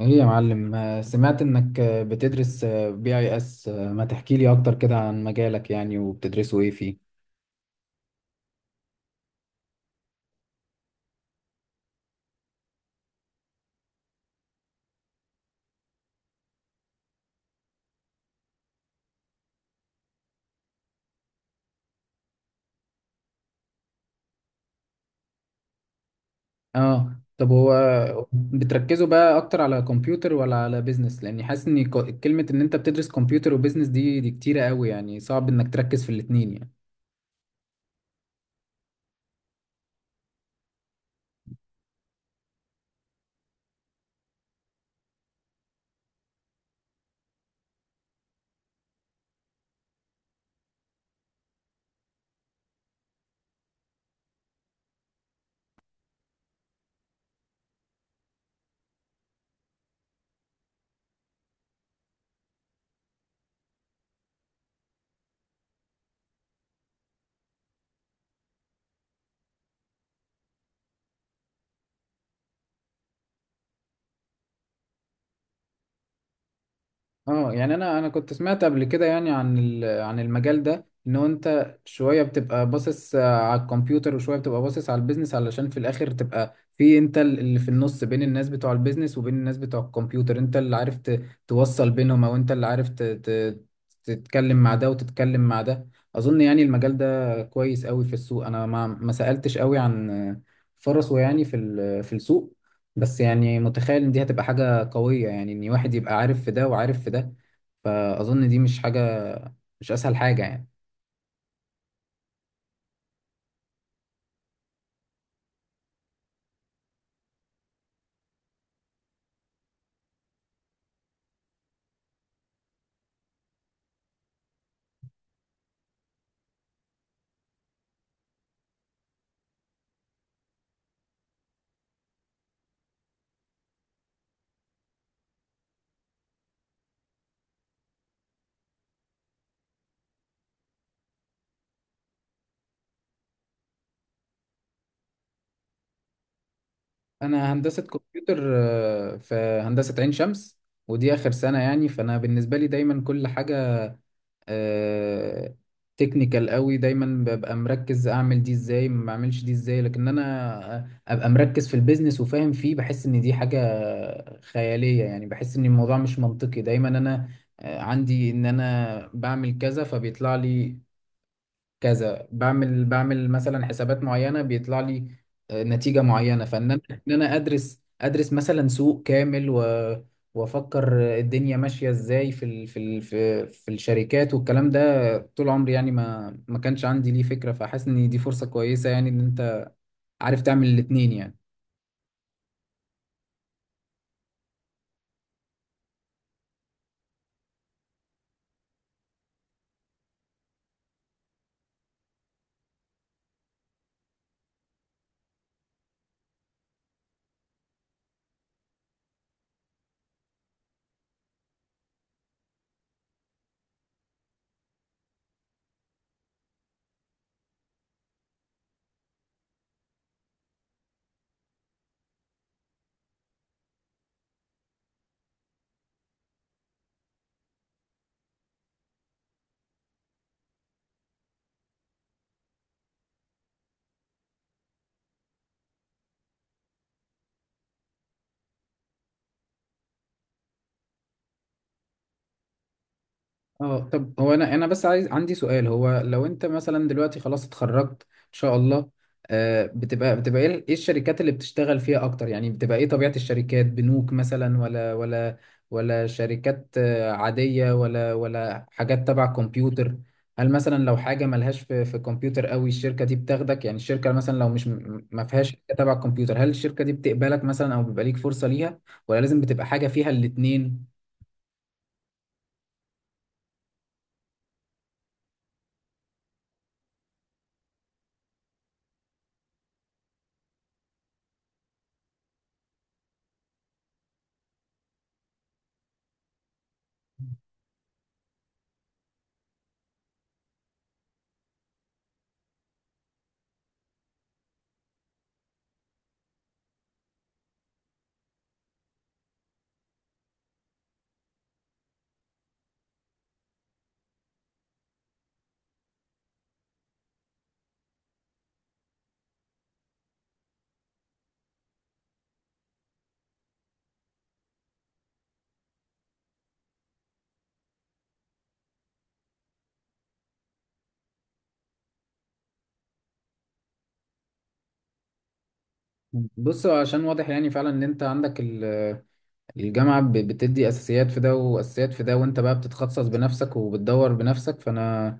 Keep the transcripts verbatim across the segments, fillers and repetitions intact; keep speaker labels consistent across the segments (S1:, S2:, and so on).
S1: ايه يا معلم، آه، سمعت انك آه، بتدرس بي اي اس. ما تحكي لي اكتر كده عن مجالك يعني وبتدرسوا ايه فيه؟ اه طب هو بتركزوا بقى اكتر على كمبيوتر ولا على بيزنس؟ لاني حاسس ان ك- كلمة ان انت بتدرس كمبيوتر وبيزنس دي دي كتيرة قوي يعني، صعب انك تركز في الاتنين يعني. اه يعني انا انا كنت سمعت قبل كده يعني عن ال- عن المجال ده، ان هو انت شويه بتبقى باصص آه، على الكمبيوتر وشويه بتبقى باصص على البيزنس، علشان في الاخر تبقى في انت اللي في النص بين الناس بتوع البيزنس وبين الناس بتوع الكمبيوتر، انت اللي عارف ت- توصل بينهم، او انت اللي عارف ت- ت- تتكلم مع ده وتتكلم مع ده. اظن يعني المجال ده كويس قوي في السوق، انا ما ما سألتش قوي عن آه، فرصه يعني في ال- في السوق، بس يعني متخيل ان دي هتبقى حاجة قوية يعني، ان واحد يبقى عارف في ده وعارف في ده. فاظن دي مش حاجة، مش اسهل حاجة يعني. انا هندسة كمبيوتر آه، في هندسة عين شمس، ودي اخر سنة يعني. فانا بالنسبة لي دايما كل حاجة تكنيكال قوي، دايما ببقى مركز اعمل دي ازاي ما اعملش دي ازاي، لكن انا ابقى مركز في البيزنس وفاهم فيه بحس ان دي حاجة خيالية يعني. بحس ان الموضوع مش منطقي، دايما انا آه، عندي ان انا بعمل كذا فبيطلع لي كذا، بعمل بعمل مثلا حسابات معينه بيطلع لي آه، نتيجه معينه. فان انا ان انا ادرس ادرس مثلا سوق كامل و وافكر الدنيا ماشيه ازاي في ال... في ال... في في الشركات والكلام ده، طول عمري يعني ما ما كانش عندي ليه فكره. فحاسس ان دي فرصه كويسه يعني، ان انت عارف تعمل الاتنين يعني. اه طب هو انا انا بس عايز، عندي سؤال، هو لو انت مثلا دلوقتي خلاص اتخرجت ان شاء الله، آه بتبقى بتبقى ايه إيه الشركات اللي بتشتغل فيها اكتر يعني؟ بتبقى ايه طبيعة الشركات، بنوك مثلا ولا ولا ولا شركات آه، عادية ولا ولا حاجات تبع كمبيوتر؟ هل مثلا لو حاجة ملهاش في في كمبيوتر قوي الشركة دي بتاخدك يعني؟ الشركة مثلا لو مش م- ما فيهاش حاجة تبع كمبيوتر، هل الشركة دي بتقبلك مثلا او بيبقى ليك فرصة ليها، ولا لازم بتبقى حاجة فيها الاتنين؟ بص، عشان واضح يعني فعلا ان انت عندك ال- الجامعة ب- بتدي اساسيات في ده واساسيات في ده، وانت بقى بتتخصص بنفسك وبتدور بنفسك. فانا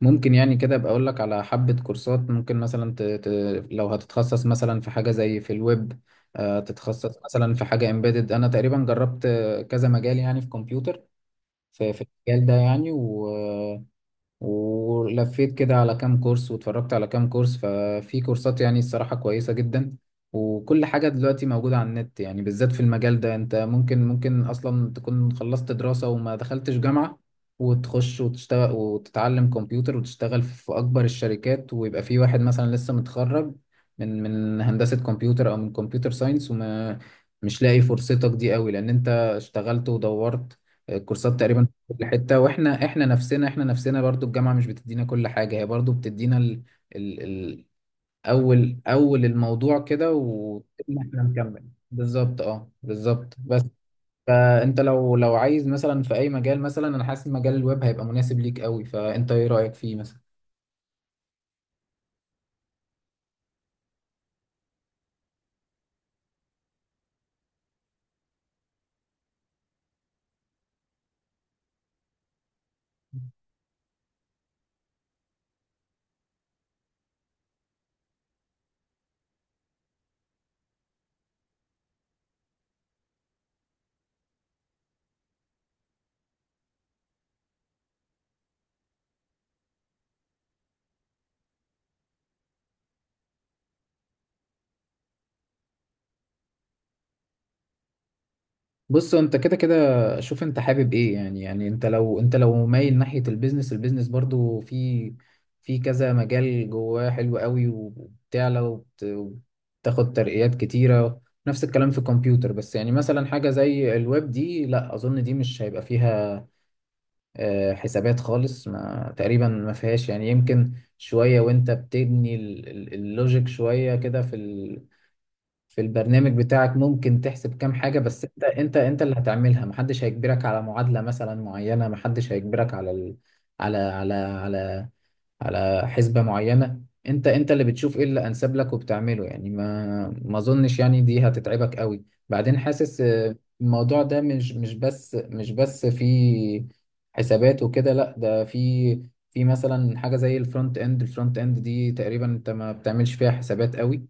S1: ممكن يعني كده ابقى اقول لك على حبة كورسات، ممكن مثلا ت... ت... لو هتتخصص مثلا في حاجة زي في الويب، آه، تتخصص مثلا في حاجة امبيدد. انا تقريبا جربت آه، كذا مجال يعني في كمبيوتر، في, في المجال ده يعني، ولفيت كده على كام كورس واتفرجت على كام كورس. ففي كورسات يعني الصراحة كويسة جدا، وكل حاجة دلوقتي موجودة على النت يعني، بالذات في المجال ده. انت ممكن، ممكن اصلا تكون خلصت دراسة وما دخلتش جامعة وتخش وتشتغل وتتعلم كمبيوتر وتشتغل في اكبر الشركات، ويبقى في واحد مثلا لسه متخرج من من هندسة كمبيوتر او من كمبيوتر ساينس وما مش لاقي فرصتك دي قوي، لان انت اشتغلت ودورت الكورسات تقريبا الحتة. واحنا احنا نفسنا احنا نفسنا برضو الجامعة مش بتدينا كل حاجة، هي برضو بتدينا ال... ال... ال... اول اول الموضوع كده، وإن احنا نكمل. بالظبط، اه بالظبط بس. فانت لو لو عايز مثلا في اي مجال، مثلا انا حاسس مجال الويب هيبقى مناسب ليك قوي، فانت ايه رأيك فيه مثلا؟ بص، انت كده كده شوف انت حابب ايه يعني. يعني انت لو، انت لو مايل ناحية البيزنس، البيزنس برضو في في كذا مجال جواه حلو قوي، وبتعلى وبت- وبتاخد ترقيات كتيرة. نفس الكلام في الكمبيوتر. بس يعني مثلا حاجة زي الويب دي، لا اظن دي مش هيبقى فيها آه، حسابات خالص، ما تقريبا ما فيهاش يعني. يمكن شوية وانت بتبني ال- ال- اللوجيك شوية كده في في البرنامج بتاعك، ممكن تحسب كام حاجة، بس انت، انت انت اللي هتعملها، محدش هيجبرك على معادلة مثلا معينة، محدش هيجبرك على ال... على على على على حسبة معينة. انت، انت اللي بتشوف ايه اللي انسب لك وبتعمله يعني. ما ما اظنش يعني دي هتتعبك قوي. بعدين حاسس آه، الموضوع ده مش مش بس مش بس في حسابات وكده، لا، ده في في مثلا حاجة زي الفرونت اند. الفرونت اند دي تقريبا انت ما بتعملش فيها حسابات قوي،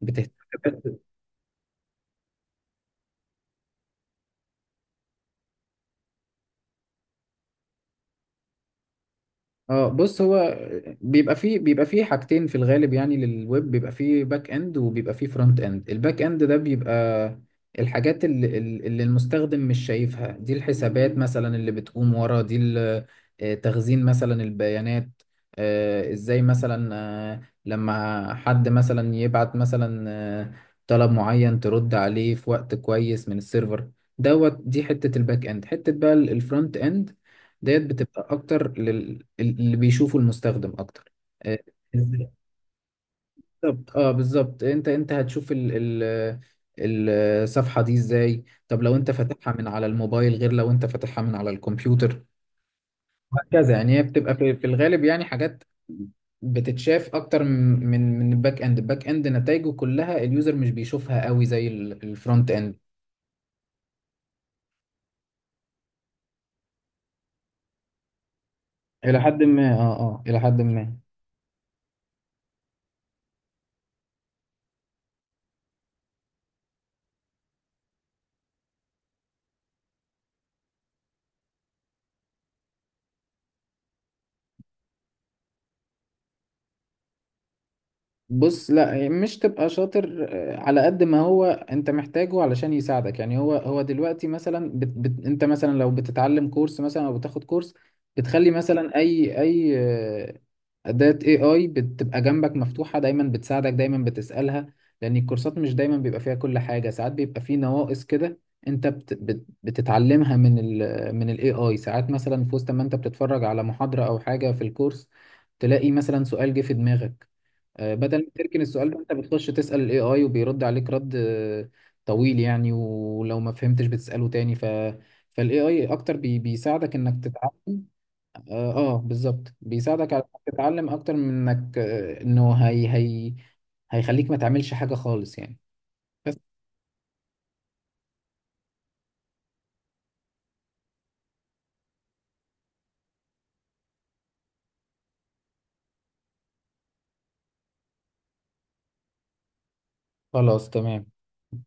S1: بتهتم. اه بص، هو بيبقى فيه بيبقى فيه حاجتين في الغالب يعني للويب، بيبقى فيه باك اند وبيبقى فيه فرونت اند. الباك اند ده بيبقى الحاجات اللي, اللي المستخدم مش شايفها دي، الحسابات مثلا اللي بتقوم ورا دي، ال- آه، تخزين مثلا البيانات، آه، ازاي مثلا آه، لما حد مثلا يبعت مثلا آه، طلب معين ترد عليه في وقت كويس من السيرفر دوت. دي حتة الباك اند. حتة بقى الفرونت اند ديت بتبقى اكتر لل... اللي بيشوفه المستخدم اكتر آه، إزاي؟ بالظبط، اه بالظبط. انت، انت هتشوف ال... ال... الصفحة دي ازاي، طب لو انت فاتحها من على الموبايل غير لو انت فاتحها من على الكمبيوتر، وهكذا يعني. هي بتبقى في, في الغالب يعني حاجات بتتشاف اكتر من من من الباك اند. الباك اند نتائجه كلها اليوزر مش بيشوفها قوي زي ال- الفرونت اند. الى حد ما، اه اه الى حد ما. بص، لا مش تبقى شاطر آه، على قد ما هو انت محتاجه علشان يساعدك يعني. هو، هو دلوقتي مثلا بت بت انت مثلا لو بتتعلم كورس مثلا او بتاخد كورس، بتخلي مثلا اي اي آه، اداة اي اي بتبقى جنبك مفتوحة دايما، بتساعدك دايما، بتسألها. لان الكورسات مش دايما بيبقى فيها كل حاجة، ساعات بيبقى فيه نواقص كده انت بت بت بتتعلمها من ال من الاي اي. ساعات مثلا في وسط ما انت بتتفرج على محاضرة او حاجة في الكورس، تلاقي مثلا سؤال جه في دماغك، آه، بدل ما تركن السؤال ده انت بتخش تسأل الاي اي وبيرد عليك رد آه، طويل يعني، ولو ما فهمتش بتسأله تاني. ف فالاي اي اكتر بي... بيساعدك انك تتعلم. اه, آه بالظبط، بيساعدك على انك تتعلم اكتر من انك آه، انه هي هي هيخليك ما تعملش حاجة خالص يعني. بس خلاص تمام.